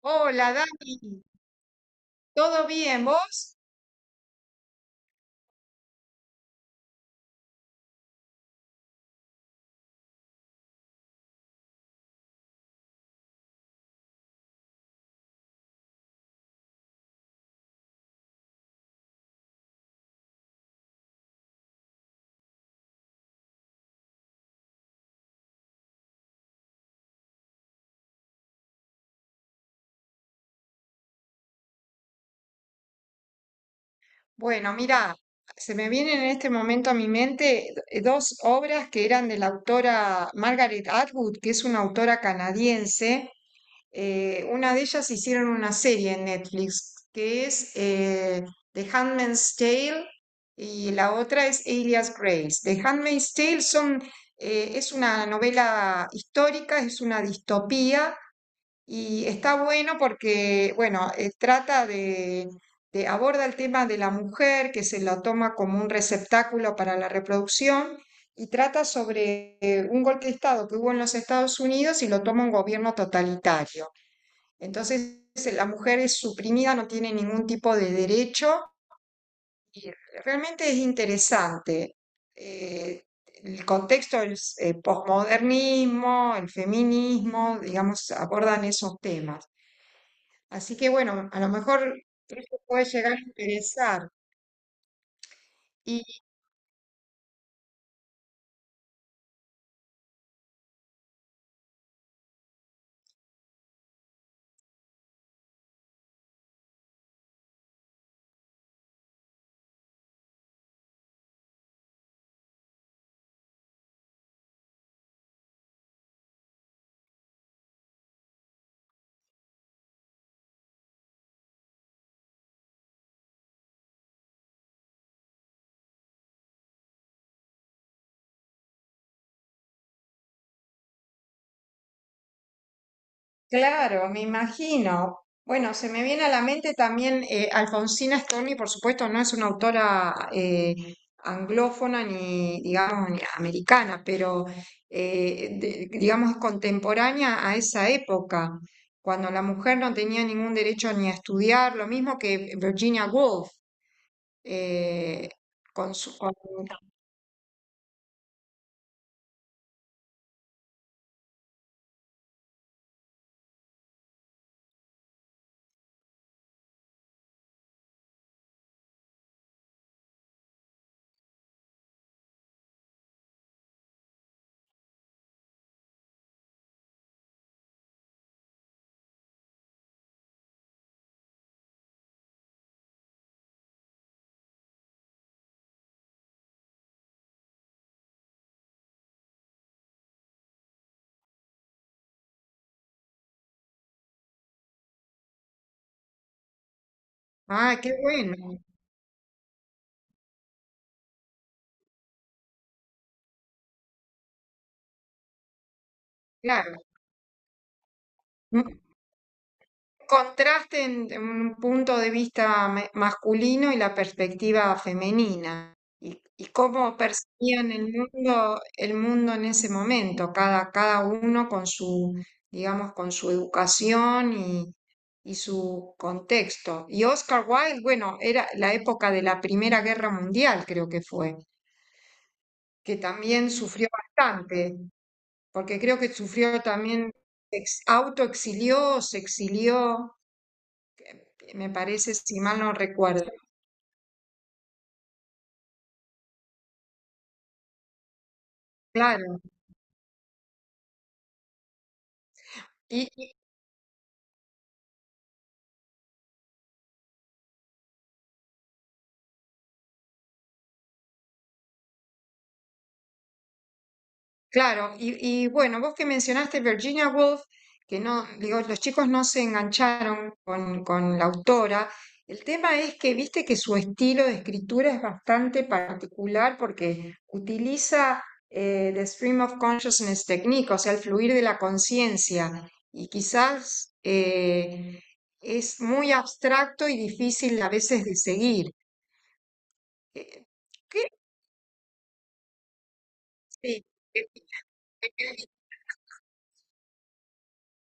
Hola, Dani, ¿todo bien vos? Bueno, mira, se me vienen en este momento a mi mente dos obras que eran de la autora Margaret Atwood, que es una autora canadiense. Una de ellas hicieron una serie en Netflix, que es The Handmaid's Tale, y la otra es Elias Grace. The Handmaid's Tale es una novela histórica, es una distopía. Y está bueno porque, aborda el tema de la mujer que se la toma como un receptáculo para la reproducción, y trata sobre un golpe de Estado que hubo en los Estados Unidos y lo toma un gobierno totalitario. Entonces, la mujer es suprimida, no tiene ningún tipo de derecho y realmente es interesante. Eh, el contexto del posmodernismo, el feminismo, digamos, abordan esos temas. Así que bueno, a lo mejor eso puede llegar a interesar. Y claro, me imagino. Bueno, se me viene a la mente también Alfonsina Storni, por supuesto, no es una autora anglófona ni, digamos, ni americana, pero digamos es contemporánea a esa época, cuando la mujer no tenía ningún derecho ni a estudiar, lo mismo que Virginia Woolf. eh, con su, con- Ah, qué bueno, claro. Contraste en un punto de vista masculino y la perspectiva femenina, y cómo percibían el mundo en ese momento, cada, cada uno con su, digamos, con su educación y su contexto. Y Oscar Wilde, bueno, era la época de la Primera Guerra Mundial, creo que fue, que también sufrió bastante, porque creo que sufrió también, autoexilió, se exilió, me parece, si mal no recuerdo. Claro, y, y- claro, y bueno, vos que mencionaste Virginia Woolf, que no, digo, los chicos no se engancharon con la autora. El tema es que viste que su estilo de escritura es bastante particular porque utiliza the stream of consciousness technique, o sea, el fluir de la conciencia, y quizás es muy abstracto y difícil a veces de seguir. Eh, ¿Qué? Sí.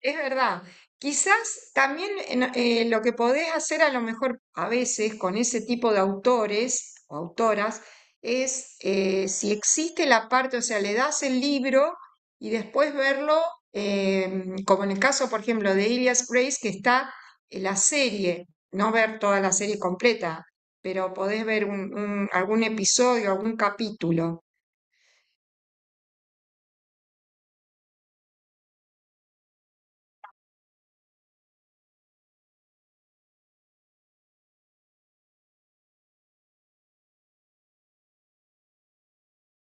Es verdad. Quizás también lo que podés hacer a lo mejor a veces con ese tipo de autores o autoras es si existe la parte, o sea, le das el libro y después verlo, como en el caso, por ejemplo, de Ilias Grace, que está en la serie, no ver toda la serie completa, pero podés ver algún episodio, algún capítulo.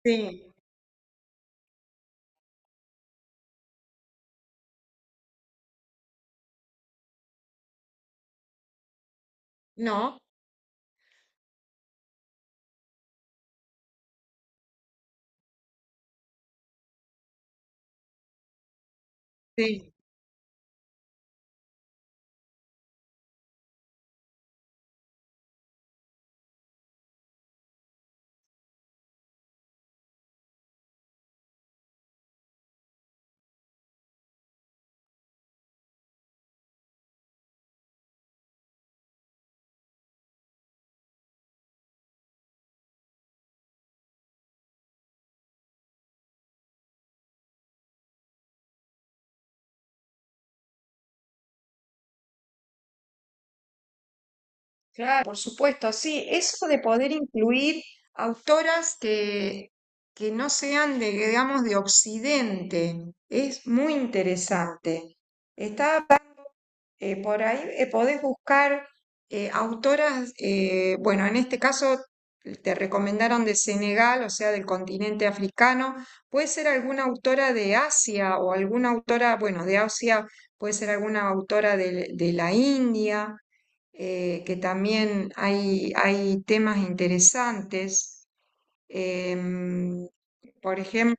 Sí, ¿no? Sí. Claro, por supuesto, sí, eso de poder incluir autoras que no sean de, digamos, de Occidente, es muy interesante. Está por ahí, podés buscar autoras, bueno, en este caso te recomendaron de Senegal, o sea, del continente africano, puede ser alguna autora de Asia o alguna autora, bueno, de Asia, puede ser alguna autora de la India, que también hay temas interesantes. em, por ejemplo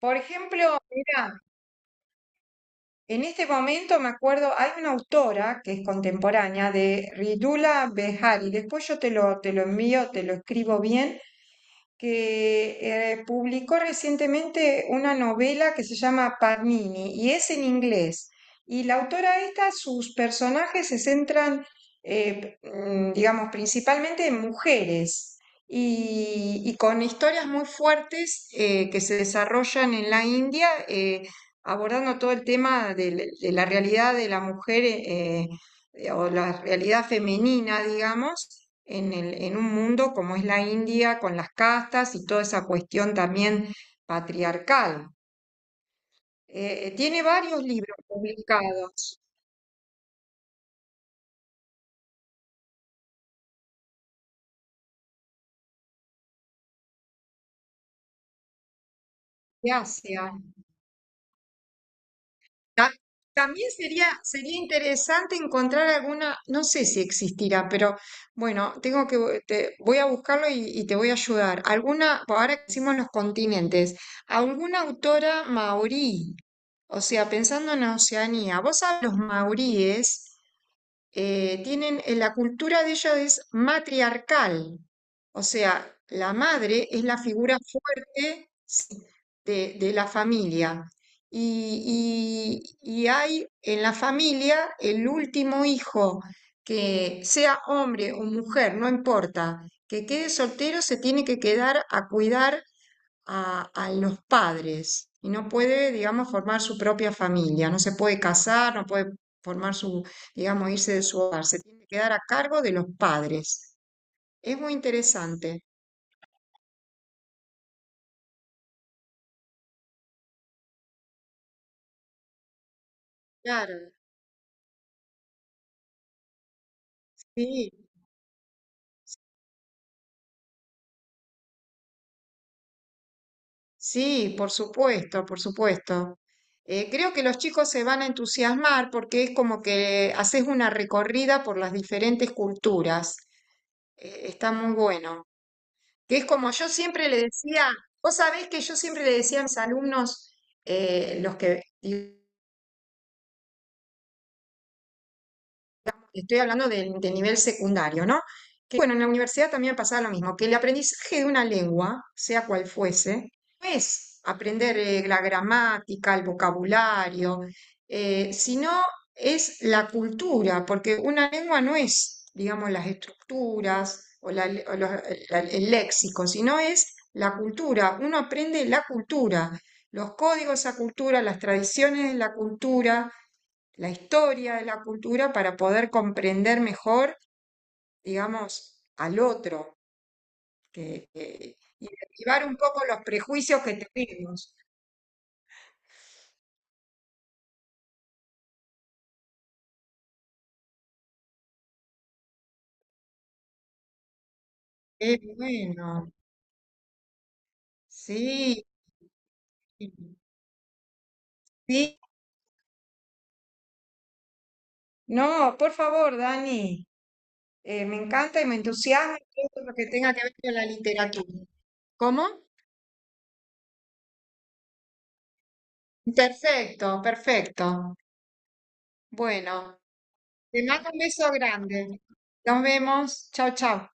por ejemplo, mira, en este momento me acuerdo, hay una autora que es contemporánea de Ridula Behari, después yo te lo envío, te lo escribo bien, que publicó recientemente una novela que se llama Panini y es en inglés. Y la autora esta, sus personajes se centran, digamos, principalmente en mujeres, y con historias muy fuertes que se desarrollan en la India, abordando todo el tema de la realidad de la mujer, o la realidad femenina, digamos en el, en un mundo como es la India, con las castas y toda esa cuestión también patriarcal. Tiene varios libros publicados de Asia. Ta- También sería, sería interesante encontrar alguna, no sé si existirá, pero bueno, tengo que, voy a buscarlo y te voy a ayudar. Alguna, pues ahora que hicimos los continentes, alguna autora maorí, o sea, pensando en Oceanía, vos sabés los maoríes tienen, la cultura de ellos es matriarcal, o sea, la madre es la figura fuerte, sí, de la familia. Y hay en la familia el último hijo, que sea hombre o mujer, no importa, que quede soltero, se tiene que quedar a cuidar a los padres y no puede, digamos, formar su propia familia, no se puede casar, no puede formar su, digamos, irse de su hogar, se tiene que quedar a cargo de los padres. Es muy interesante. Claro, sí, sí, por supuesto, por supuesto. Creo que los chicos se van a entusiasmar porque es como que haces una recorrida por las diferentes culturas. Está muy bueno. Que es como yo siempre le decía, vos sabés que yo siempre le decía a mis alumnos, los que, estoy hablando de del nivel secundario, ¿no? Que bueno, en la universidad también pasaba lo mismo, que el aprendizaje de una lengua, sea cual fuese, no es aprender la gramática, el vocabulario, sino es la cultura, porque una lengua no es, digamos, las estructuras o el léxico, sino es la cultura. Uno aprende la cultura, los códigos de esa cultura, las tradiciones de la cultura, la historia de la cultura, para poder comprender mejor, digamos, al otro, y derribar un poco los prejuicios que tenemos. Qué bueno, sí, sí. No, por favor, Dani, me encanta y me entusiasma todo lo que tenga que ver con la literatura. ¿Cómo? Perfecto, perfecto. Bueno, te mando un beso grande. Nos vemos. Chao, chao.